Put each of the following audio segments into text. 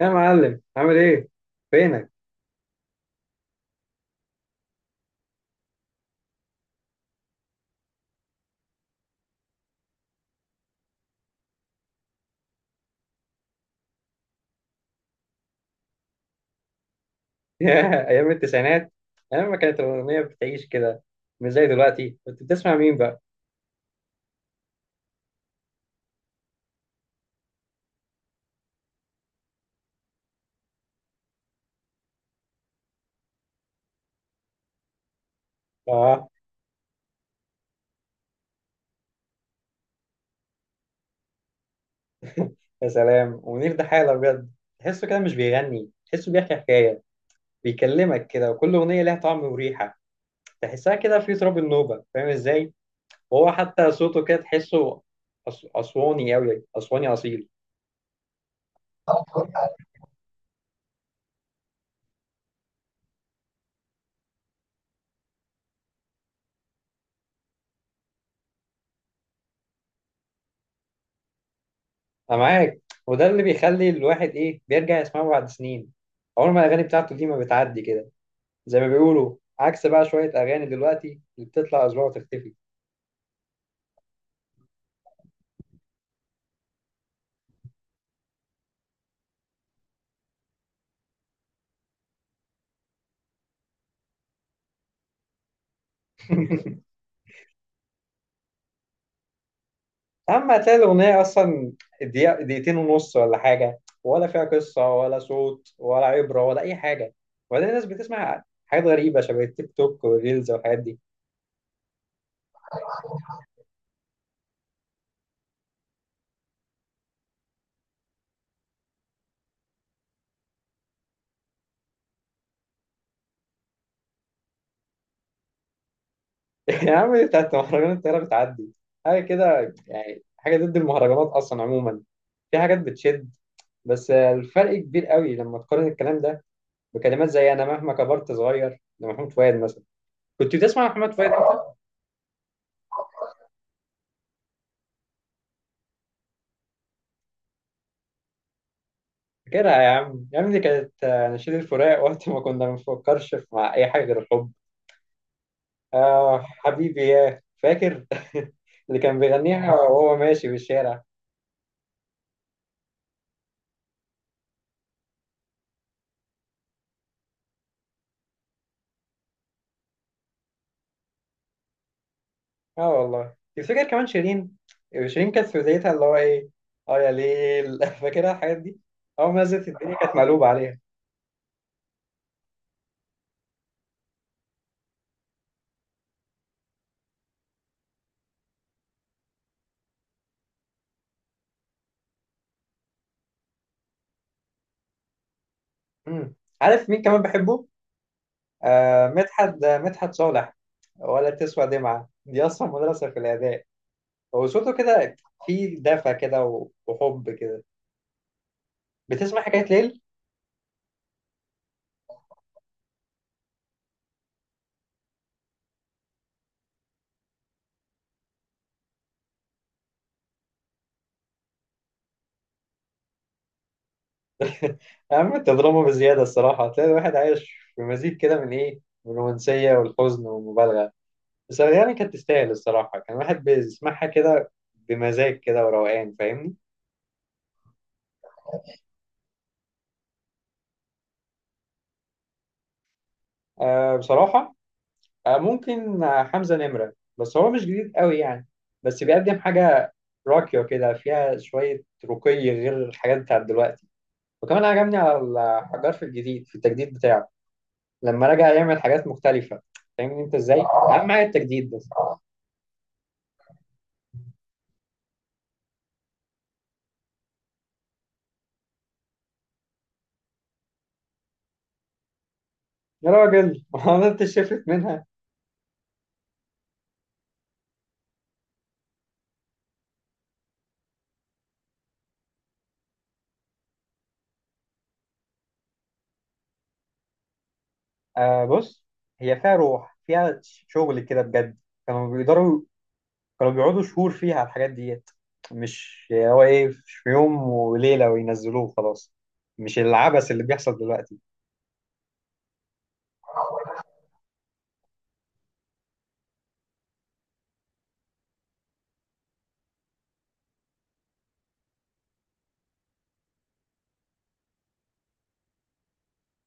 يا معلم عامل ايه؟ فينك؟ يا ايام التسعينات، ايام ما كانت الاغنيه بتعيش كده. مش زي دلوقتي. كنت بتسمع مين بقى؟ اه، يا سلام. ومنير ده حاله بجد، تحسه كده مش بيغني، تحسه بيحكي حكايه. بيكلمك كده وكل اغنيه لها طعم وريحه، تحسها كده في تراب النوبه، فاهم ازاي؟ وهو حتى صوته كده تحسه اسواني قوي، اسواني اصيل. انا معاك. وده اللي بيخلي الواحد بيرجع يسمعه بعد سنين. عمر ما الاغاني بتاعته دي ما بتعدي كده، زي ما بيقولوا. عكس بقى شوية أغاني دلوقتي اللي بتطلع أسبوع وتختفي. أما هتلاقي الأغنية أصلا دقيقة، دقيقتين ونص ولا حاجة، ولا فيها قصة ولا صوت ولا عبرة ولا أي حاجة. وبعدين الناس بتسمع حاجات غريبة شبه التيك توك والريلز والحاجات دي. يا عم دي بتاعت مهرجانات، الطيارة بتعدي. حاجة كده يعني، حاجة ضد المهرجانات أصلا عموما. في حاجات بتشد، بس الفرق كبير قوي لما تقارن الكلام ده بكلمات زي أنا مهما كبرت صغير لمحمود فؤاد مثلا. كنت بتسمع محمد فؤاد أنت؟ فاكرها يا عم، يا عم دي كانت نشيد الفراق، وقت ما كنا ما بنفكرش مع أي حاجة غير الحب. آه حبيبي يا فاكر. اللي كان بيغنيها وهو ماشي في الشارع. اه والله. تفتكر كمان شيرين؟ شيرين كانت في بدايتها، اللي هو ايه، اه يا ليل. فاكرها الحاجات دي. اول ما نزلت الدنيا كانت مقلوبة عليها. مم. عارف مين كمان بحبه؟ آه مدحت، مدحت صالح. ولا تسوى دمعة دي أصلا مدرسة في الأداء. وصوته كده فيه دفى كده، وحب كده. بتسمع حكاية ليل؟ يا عم انت دراما بزيادة. الصراحة هتلاقي الواحد عايش في مزيج كده من ايه؟ من الرومانسية والحزن والمبالغة. بس يعني كانت تستاهل، الصراحة كان الواحد بيسمعها كده بمزاج كده وروقان، فاهمني؟ آه بصراحة، آه ممكن، حمزة نمرة. بس هو مش جديد قوي يعني، بس بيقدم حاجة راقية كده، فيها شوية رقي غير الحاجات بتاعت دلوقتي. وكمان عجبني على الحجار في الجديد، في التجديد بتاعه لما رجع يعمل حاجات مختلفة. فاهمني انت ازاي؟ أهم حاجة التجديد بس. يا راجل. ما هو انت شفت منها. آه بص، هي فيها روح، فيها شغل كده بجد. كانوا بيقدروا، كانوا بيقعدوا شهور فيها على الحاجات ديت. مش هو مش في يوم وليلة وينزلوه خلاص. مش العبث اللي بيحصل دلوقتي.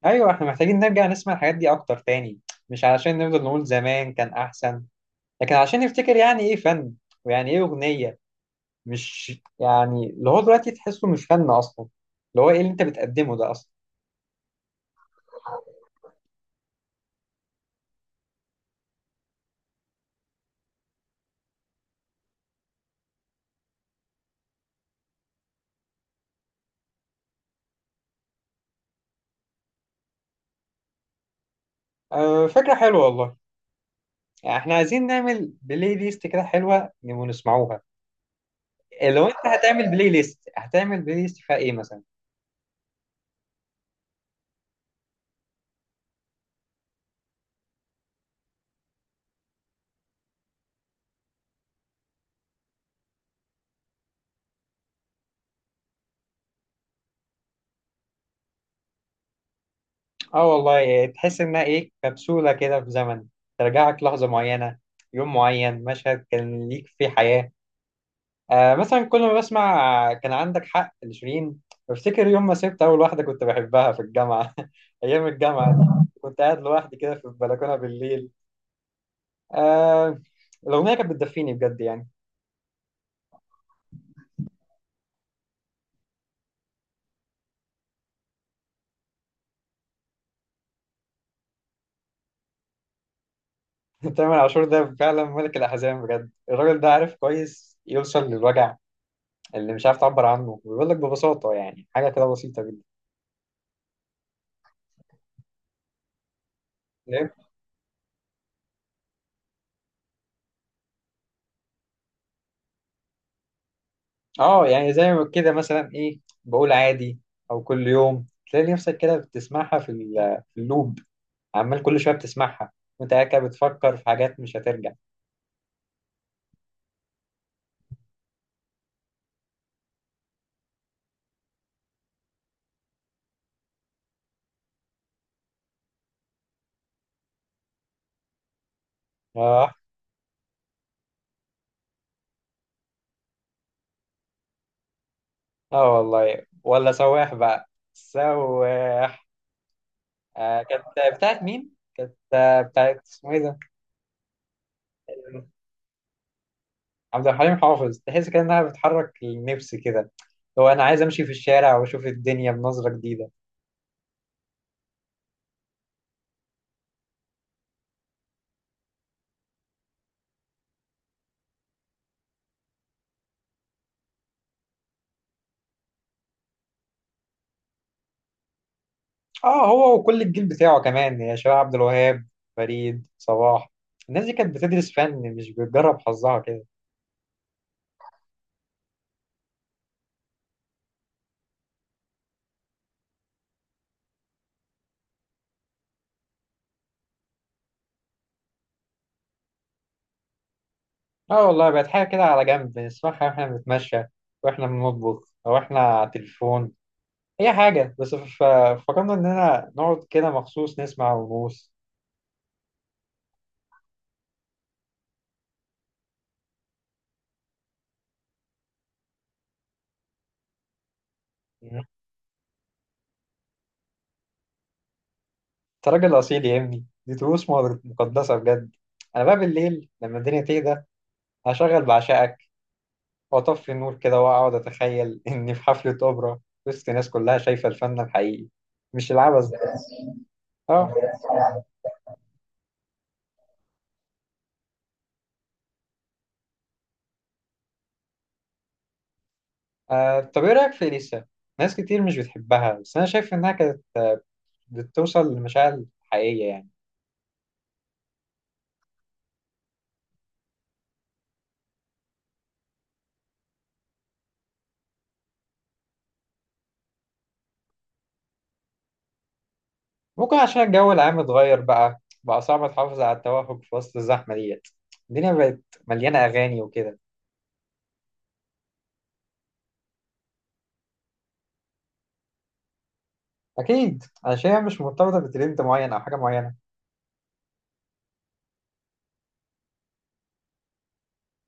ايوه احنا محتاجين نرجع نسمع الحاجات دي اكتر تاني. مش علشان نفضل نقول زمان كان احسن، لكن علشان نفتكر يعني ايه فن، ويعني ايه اغنية. مش يعني اللي هو دلوقتي تحسه مش فن اصلا. اللي هو ايه اللي انت بتقدمه ده اصلا؟ آه فكرة حلوة والله. يعني احنا عايزين نعمل بلاي ليست كده حلوه نبقى نسمعوها. إيه، لو انت هتعمل بلاي ليست، هتعمل بلاي ليست فيها ايه مثلا؟ اه والله. إيه، تحس انها ايه؟ كبسوله كده في زمن، ترجعك لحظه معينه، يوم معين، مشهد كان ليك فيه حياه. آه مثلا كل ما بسمع كان عندك حق لشيرين، بفتكر يوم ما سبت اول واحده كنت بحبها في الجامعه. ايام الجامعه دي، كنت قاعد لوحدي كده في البلكونه بالليل. آه، الاغنيه كانت بتدفيني بجد يعني. تامر عاشور ده فعلا ملك الأحزان بجد. الراجل ده عارف كويس يوصل للوجع اللي مش عارف تعبر عنه، بيقول لك ببساطة يعني حاجة كده بسيطة جدا. فاهم؟ اه يعني زي ما كده مثلا ايه، بقول عادي أو كل يوم. تلاقي نفسك كده بتسمعها في اللوب، عمال كل شوية بتسمعها وانت قاعد كده بتفكر في حاجات مش هترجع. اه. اه والله، ولا سواح بقى، سواح آه كانت. بتاعت مين؟ كانت بتاعت اسمه ايه ده؟ عبد الحليم حافظ. تحس كده انها بتحرك النفس كده، لو انا عايز امشي في الشارع واشوف الدنيا بنظرة جديدة. اه، هو وكل الجيل بتاعه كمان، يا شباب عبد الوهاب، فريد، صباح. الناس دي كانت بتدرس فن، مش بتجرب حظها كده. اه والله بقت حاجة كده على جنب، نسمعها واحنا بنتمشى، واحنا بنطبخ، او احنا على التليفون، اي حاجة. بس فكرنا اننا نقعد كده مخصوص نسمع ونغوص. انت راجل اصيل يا ابني، دي طقوس مقدسة بجد. انا بقى بالليل لما الدنيا تهدى، هشغل بعشقك واطفي النور كده، واقعد اتخيل اني في حفلة اوبرا وسط ناس كلها شايفة الفن الحقيقي، مش العبث ده. اه. طب ايه رأيك في اليسا؟ ناس كتير مش بتحبها، بس انا شايف انها كانت بتوصل لمشاعر حقيقية يعني. ممكن عشان الجو العام اتغير، بقى صعب تحافظ على التوافق في وسط الزحمة ديت. الدنيا بقت مليانة اغاني وكده. اكيد، انا شايفها مش مرتبطة بترند معين او حاجة معينة.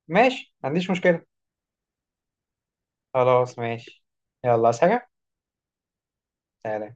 ماشي، ما عنديش مشكلة. خلاص ماشي. يلا، عايز حاجة؟ سلام.